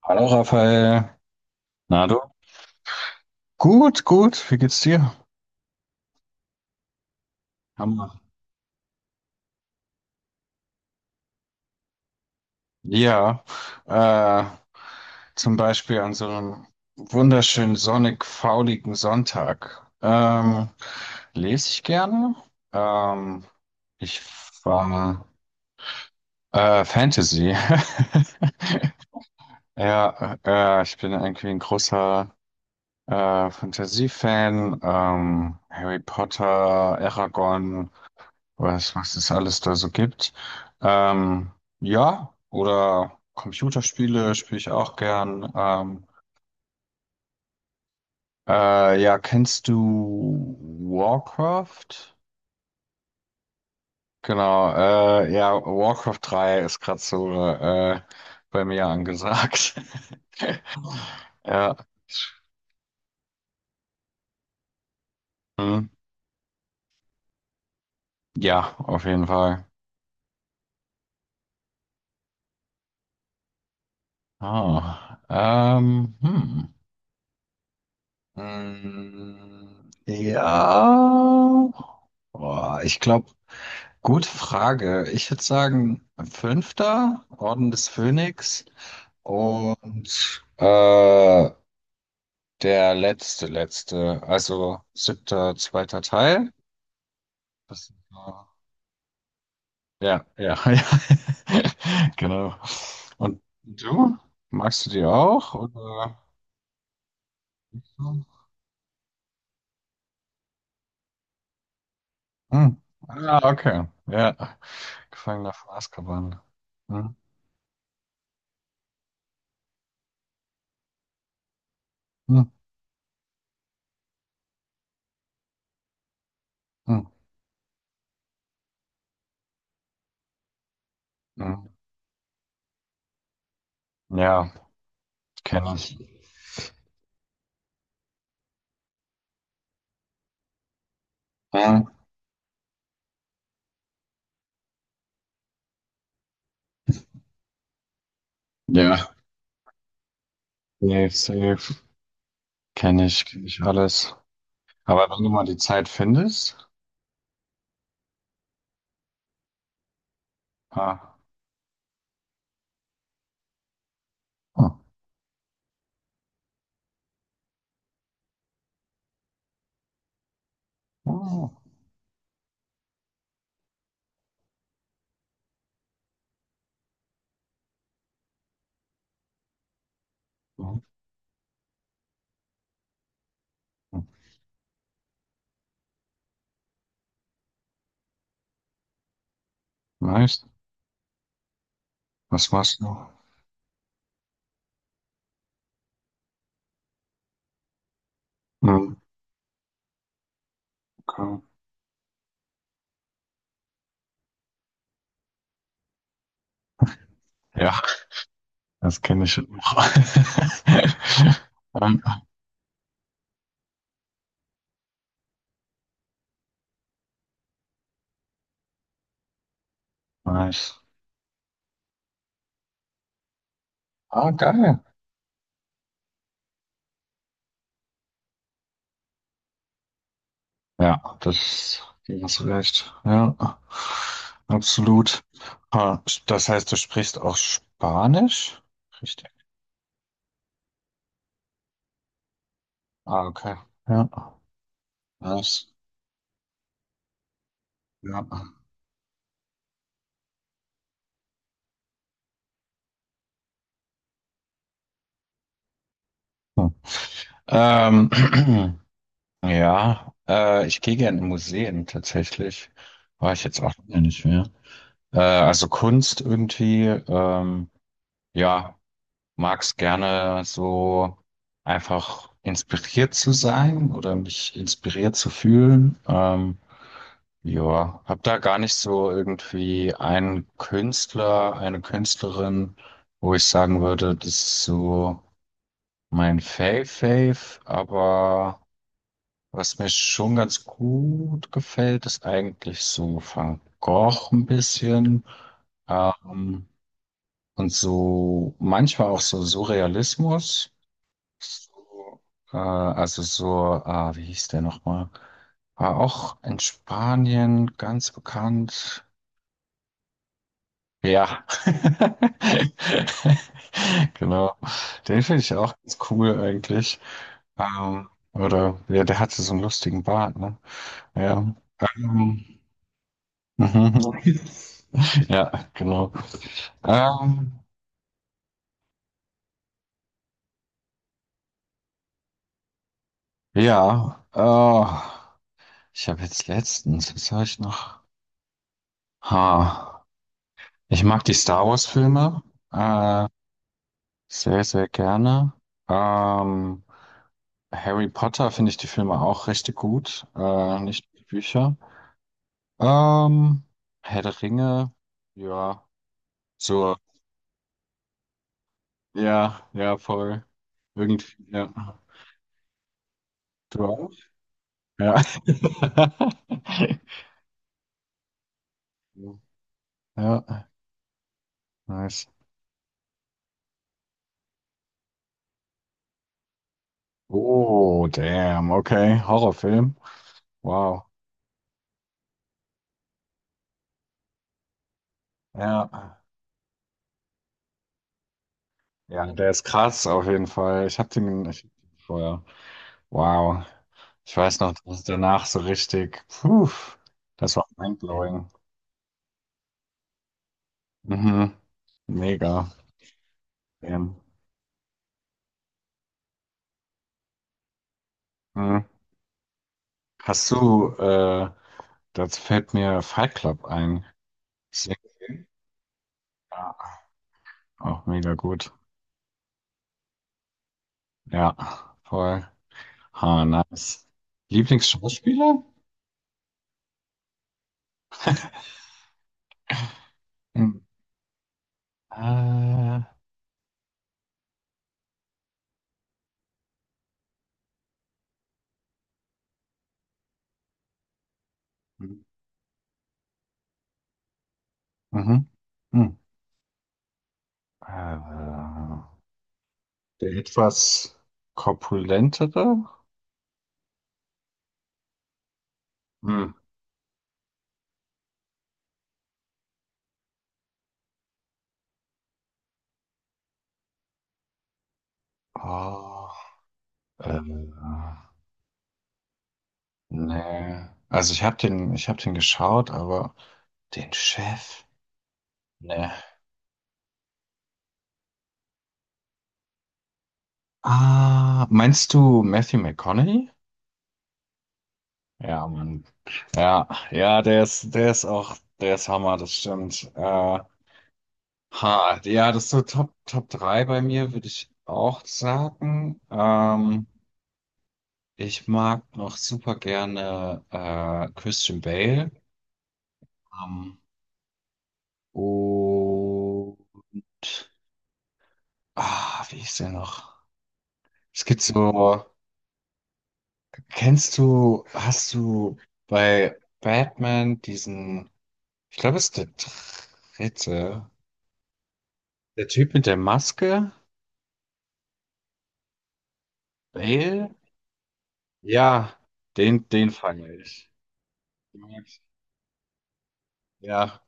Hallo Raphael. Na du? Gut, gut. Wie geht's dir? Hammer. Ja, äh, zum Beispiel an so einem wunderschönen sonnig fauligen Sonntag. Lese ich gerne. Ähm, Ich war Fantasy. Ja, ich bin irgendwie ein großer Fantasy-Fan. Harry Potter, Eragon. Weiß, was es alles da so gibt. Ähm, ja, oder Computerspiele spiele ich auch gern. Ja, kennst du Warcraft? Genau, ja, Warcraft drei ist gerade so bei mir angesagt. Ja, hm, ja, auf jeden Fall. Ah, Ja. Boah, gute Frage. Ich würde sagen, fünfter Orden des Phönix und der letzte, also siebter, zweiter Teil. Das, äh, ja, ja, ja. Genau. Und du? Magst du die auch? Oder? Hm. Ah, okay. Ja. Gefangener von Azkaban. Hm. Hm. Hm. Hm. Ja, kenne ich. Hm. Ja. Safe. Kenne ich, kenn ich alles. Aber wenn du mal die Zeit findest, ah, oh, oh, oh, oh, nice. Was machst du? Hm, okay. Ja, das kenne ich noch. Ähm, nice. Ah, geil. Ja, das, du hast recht. Ja, absolut. Ah, das heißt, du sprichst auch Spanisch? Richtig. Ah, okay. Ja, nice. Ja. Hm. Ähm, Ja, ich gehe gerne in Museen tatsächlich. War ich jetzt auch lange nicht mehr. Also Kunst irgendwie, ja, mag's gerne so einfach inspiriert zu sein oder mich inspiriert zu fühlen. Ja, hab da gar nicht so irgendwie einen Künstler, eine Künstlerin, wo ich sagen würde, das ist so mein Fave-Fave, aber was mir schon ganz gut gefällt, ist eigentlich so Van Gogh ein bisschen. Ähm, und so manchmal auch so Surrealismus. So, also so, ah, wie hieß der nochmal? War auch in Spanien ganz bekannt. Ja. Genau. Den finde ich auch ganz cool eigentlich. Oder ja, der hatte so einen lustigen Bart, ne? Ja. Ähm, Mhm. Ja, genau. Ähm, ja, ich habe jetzt letztens, was habe ich noch? Ha, ich mag die Star Wars-Filme äh, sehr, sehr gerne. Ähm, Harry Potter finde ich die Filme auch richtig gut, nicht die Bücher. Ähm, Herr der Ringe, ja, so, ja, ja, voll. Irgendwie, ja. Du auch? Ja. Ja, nice. Oh, damn, okay. Horrorfilm. Wow. Ja. Ja, der ist krass auf jeden Fall. Ich hab den, ich, vorher. Wow. Ich weiß noch, dass danach so richtig. Puh, das war mindblowing. Mhm. Mega. Damn. Mhm. Hast du, das fällt mir Fight Club ein. Hast du den gesehen? Ja, auch mega gut. Ja, voll. Ha, nice. Lieblingsschauspieler? Hm. Äh, Mhm. Hm. Äh, der etwas korpulentere? Hm. Oh, äh, nee. Ich habe den geschaut, aber den Chef? Nee. Ah, meinst du Matthew McConaughey? Ja, Mann. Ja, ja, der ist auch, der ist Hammer, das stimmt. Ha, ja, das ist so Top, Top 3 bei mir, würde ich auch sagen. Ich mag noch super gerne Christian Bale. Ähm, und ah, wie ist der noch? Es gibt so, kennst du, hast du bei Batman diesen, ich glaube, es ist der dritte, der Typ mit der Maske, Bale? Ja, den, den fand ich. Den mag ich. Ja,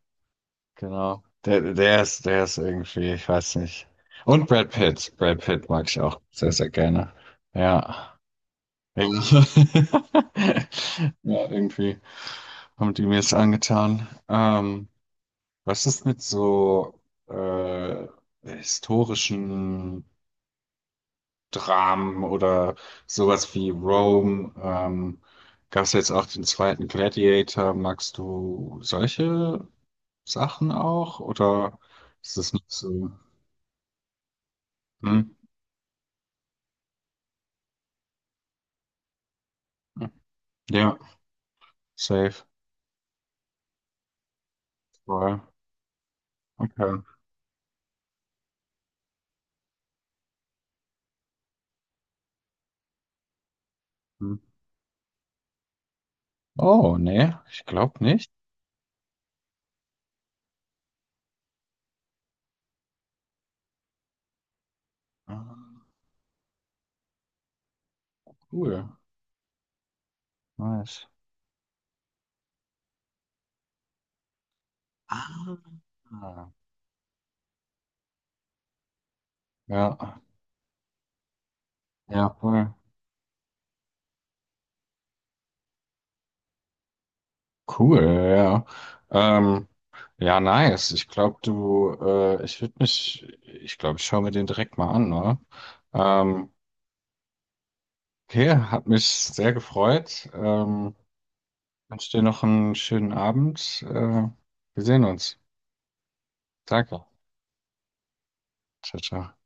genau. Der ist irgendwie, ich weiß nicht. Und Brad Pitt. Brad Pitt mag ich auch sehr, sehr gerne. Ja. Ja, ja, irgendwie haben die mir es angetan. Was ist mit so äh, historischen Dramen oder sowas wie Rome? Gab es jetzt auch den zweiten Gladiator? Magst du solche Sachen auch? Oder ist das nicht so? Hm? Ja, safe. Voll. Okay. Hm. Oh, nee, ich glaube nicht. Ah, cool. Nice. Ah, ja, ja, voll. Cool, ja. Ja. Ja, nice. Ich würde mich, ich glaube, ich schaue mir den direkt mal an, ne? Ähm, okay, hat mich sehr gefreut. Wünsche dir noch einen schönen Abend. Wir sehen uns. Danke. Ciao, ciao.